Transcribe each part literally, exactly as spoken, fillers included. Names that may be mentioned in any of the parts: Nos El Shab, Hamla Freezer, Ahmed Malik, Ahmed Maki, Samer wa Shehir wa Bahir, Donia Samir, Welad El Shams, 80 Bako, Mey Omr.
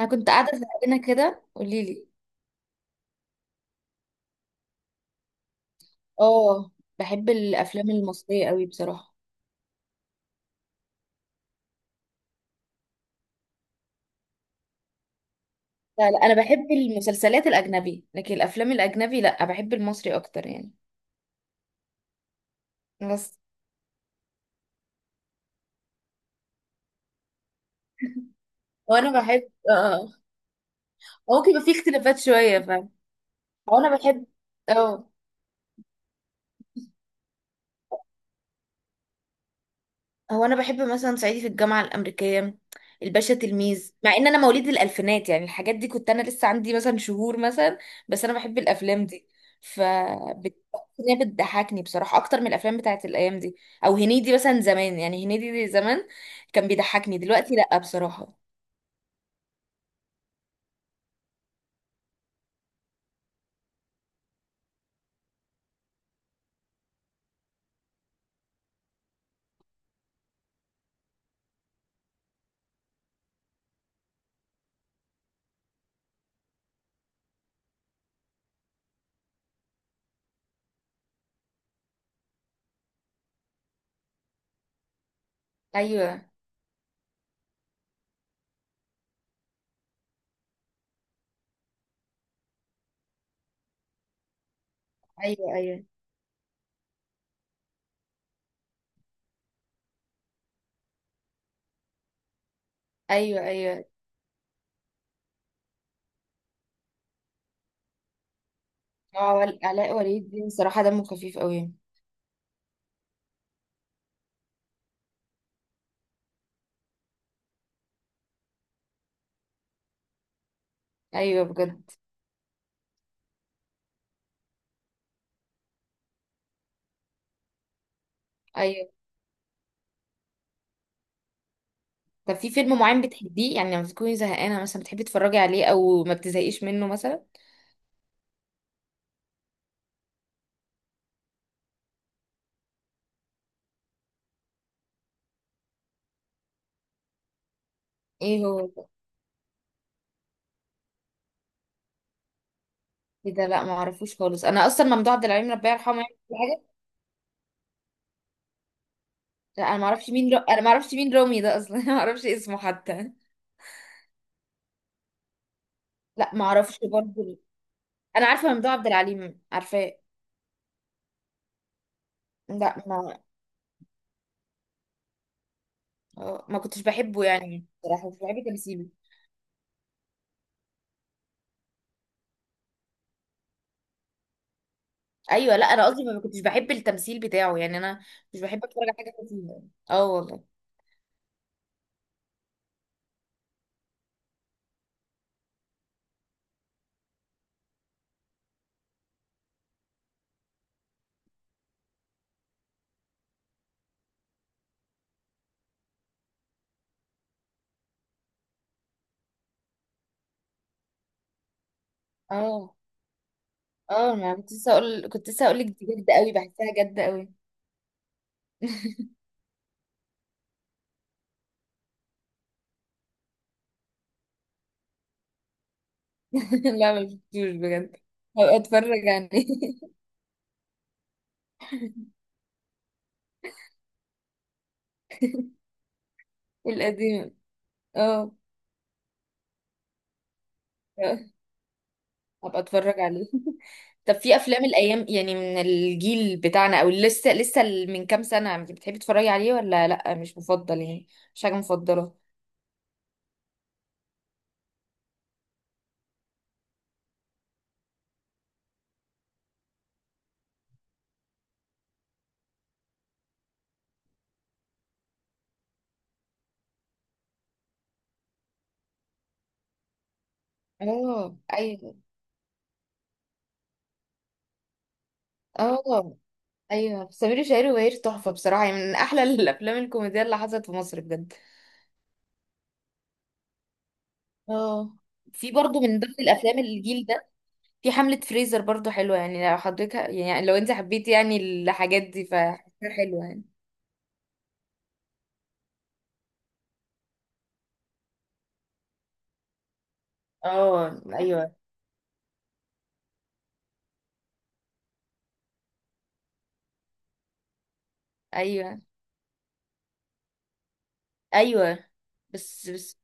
انا كنت قاعده زهقانه كده قولي لي. اه. بحب الافلام المصريه قوي بصراحه. لا لا، انا بحب المسلسلات الاجنبي لكن الافلام الاجنبي لا، بحب المصري اكتر يعني. بس وانا بحب اه آه، ممكن يبقى في اختلافات شويه فاهم. وانا بحب اه هو انا بحب مثلا صعيدي في الجامعه الامريكيه، الباشا تلميذ، مع ان انا مواليد الالفينات يعني الحاجات دي كنت انا لسه عندي مثلا شهور مثلا. بس انا بحب الافلام دي. ف بت- هي بتضحكني بصراحه اكتر من الافلام بتاعت الايام دي، او هنيدي مثلا زمان. يعني هنيدي دي زمان كان بيضحكني، دلوقتي لا بصراحه. ايوه، ايوه، ايوه، ايوه، ايوه. آه، علاء ولي الدين صراحه دمه خفيف قوي. ايوه بجد. ايوه، طب في فيلم معين بتحبيه يعني لما تكوني زهقانة مثلا بتحبي تتفرجي عليه، او ما بتزهقيش منه مثلا؟ ايه هو ده؟ ايه ده، لا ما اعرفوش خالص. انا اصلا ممدوح عبد العليم ربنا يرحمه يعني كل حاجة. لا، انا ما اعرفش مين رو... انا ما اعرفش مين رامي ده اصلا ما اعرفش اسمه حتى. لا ما اعرفش برضه. انا عارفة ممدوح عبد العليم، عارفاه. لا ما آه، ما كنتش بحبه يعني بصراحة مش بحب تمثيله. ايوه، لا انا قصدي ما كنتش بحب التمثيل بتاعه يعني، انا مش بحب اتفرج على حاجة فيه. اه والله. اه اه، ما كنت لسه اقول كنت لسه اقول لك دي جد قوي، بحسها جد قوي. لا ما شفتوش بجد، هبقى اتفرج عليه. القديم. اه، هبقى اتفرج عليه. طب في افلام الايام يعني من الجيل بتاعنا او لسه لسه ال- من كام سنه بتحبي تتفرجي عليه، ولا لا مش مفضل يعني؟ مش حاجه مفضله. اه ايوه. اه ايوه، سمير وشهير وبهير تحفه بصراحه، يعني من احلى الافلام الكوميديه اللي حصلت في مصر بجد. اه، في برضو من ضمن الافلام الجيل ده في حملة فريزر، برضو حلوة. يعني لو حضرتك يعني لو انت حبيتي يعني الحاجات دي فحاجة حلوة يعني. اه، ايوه، ايوه، ايوه. بس بس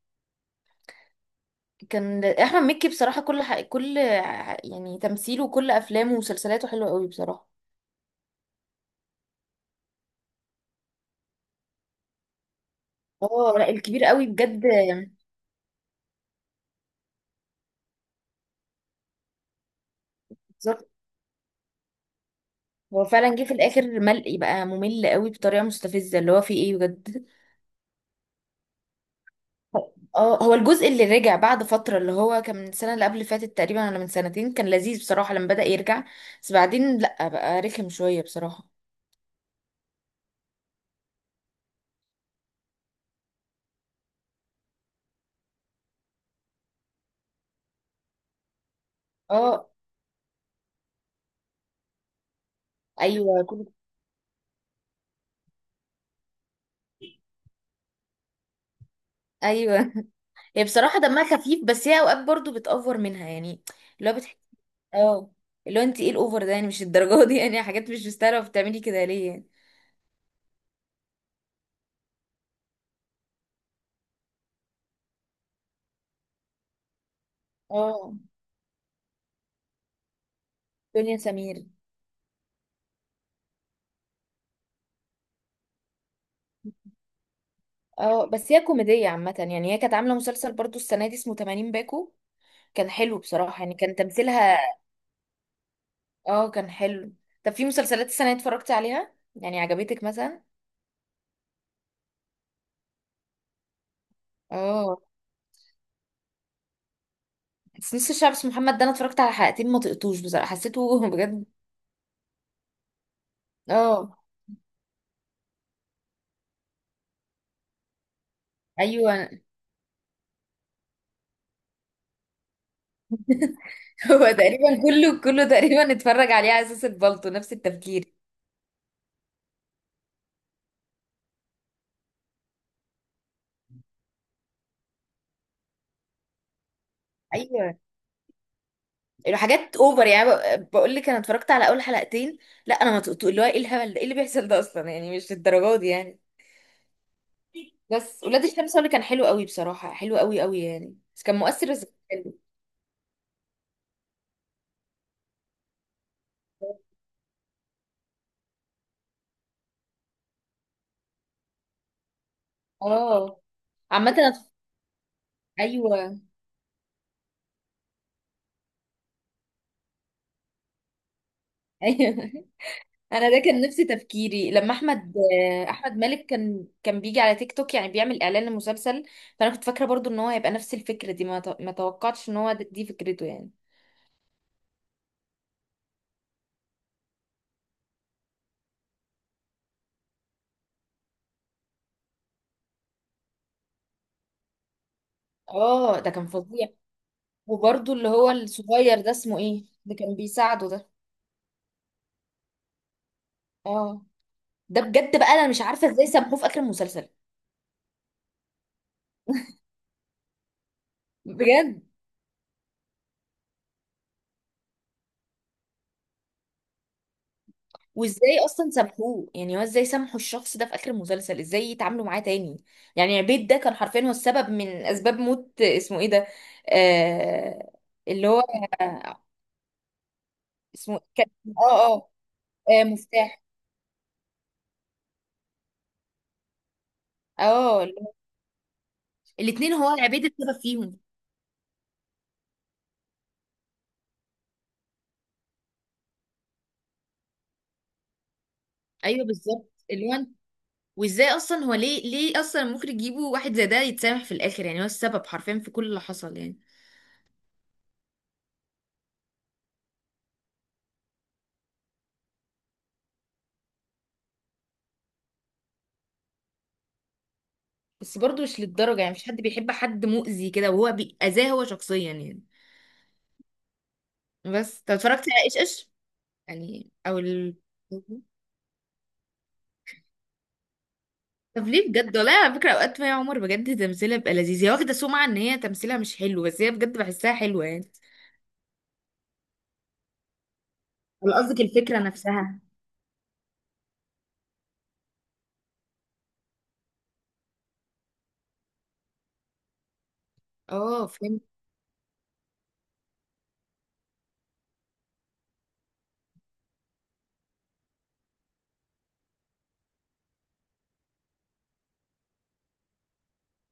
كان احمد مكي بصراحة كل ح... كل ح- يعني تمثيله وكل افلامه ومسلسلاته حلوة قوي بصراحة. اه لا، الكبير قوي بجد. بالظبط. هو فعلا جه في الاخر ملقي بقى، ممل قوي بطريقة مستفزة اللي هو فيه ايه بجد. اه، هو الجزء اللي رجع بعد فترة اللي هو كان من السنة اللي قبل اللي فاتت تقريبا، ولا من سنتين، كان لذيذ بصراحة لما بدأ يرجع، بس بعدين لأ بقى رخم شوية بصراحة. اه ايوه، كل. ايوه هي بصراحة دمها خفيف، بس هي اوقات برضو بتأفور منها يعني. اللي هو بتح... اه، اللي هو انت ايه الاوفر ده يعني؟ مش الدرجة دي يعني، حاجات مش مستاهلة بتعملي كده ليه يعني. اه، دنيا سمير. اه، بس هي كوميدية عامة يعني، هي كانت عاملة مسلسل برضو السنة دي اسمه تمانين باكو، كان حلو بصراحة، يعني كان تمثيلها. اه كان حلو. طب في مسلسلات السنة دي اتفرجتي عليها يعني عجبتك مثلا؟ اه، بس نص الشعب اسمه محمد ده انا اتفرجت على حلقتين ما طقتوش بصراحة، حسيته بجد. اه ايوه هو تقريبا كله كله تقريبا اتفرج عليه على اساس البلطو، نفس التفكير. ايوه، الحاجات اوفر يعني. بقول لك انا اتفرجت على اول حلقتين، لا انا ما طقتوش. اللي هو ايه الهبل ده؟ ايه اللي بيحصل ده اصلا يعني؟ مش الدرجات دي يعني. بس ولاد الشمس هو اللي كان حلو قوي بصراحة، حلو قوي قوي يعني، بس كان مؤثر، بس كان حلو. اه عامة. ايوه ايوه، انا ده كان نفس تفكيري لما احمد، احمد مالك كان كان بيجي على تيك توك يعني بيعمل اعلان لمسلسل، فانا كنت فاكره برضو ان هو هيبقى نفس الفكره دي، ما ت- ما توقعتش ان هو د- دي فكرته يعني. اه، ده كان فظيع. وبرضو اللي هو الصغير ده اسمه ايه اللي كان بيساعده ده؟ اه، ده بجد بقى انا مش عارفه ازاي سموه في اخر المسلسل، بجد. وازاي اصلا سامحوه؟ يعني هو ازاي سامحوا الشخص ده في اخر المسلسل؟ ازاي يتعاملوا معاه تاني؟ يعني عبيد ده كان حرفيا هو السبب من اسباب موت اسمه ايه ده. آه، اللي هو اسمه كان، اه اه، آه، مفتاح. اه، اللي هو- الاتنين هو عبيد السبب فيهم. ايوه بالظبط، اللي هو أنت-، وازاي اصلا هو ليه، ليه اصلا المخرج يجيبه واحد زي ده يتسامح في الاخر؟ يعني هو السبب حرفيا في كل اللي حصل يعني. بس برضه مش للدرجة، يعني مش حد بيحب حد مؤذي كده، وهو بي- اذاه هو شخصيا يعني. بس طب اتفرجتي على ايش ايش يعني، او ال... طب ليه بجد، والله على فكرة اوقات مي عمر بجد تمثيلها بيبقى لذيذ. هي واخدة سمعة ان هي تمثيلها مش حلو، بس هي بجد بحسها حلوة يعني. ولا قصدك الفكرة نفسها؟ اه فهمت.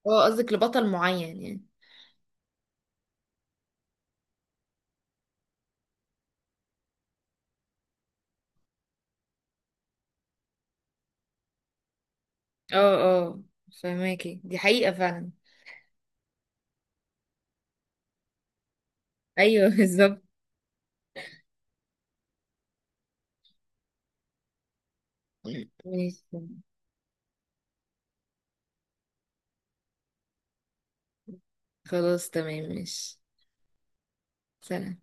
اه، قصدك لبطل معين يعني. اه اه، فهماكي دي حقيقة فعلا. ايوه بالظبط. ماشي، خلاص، تمام، ماشي. سلام.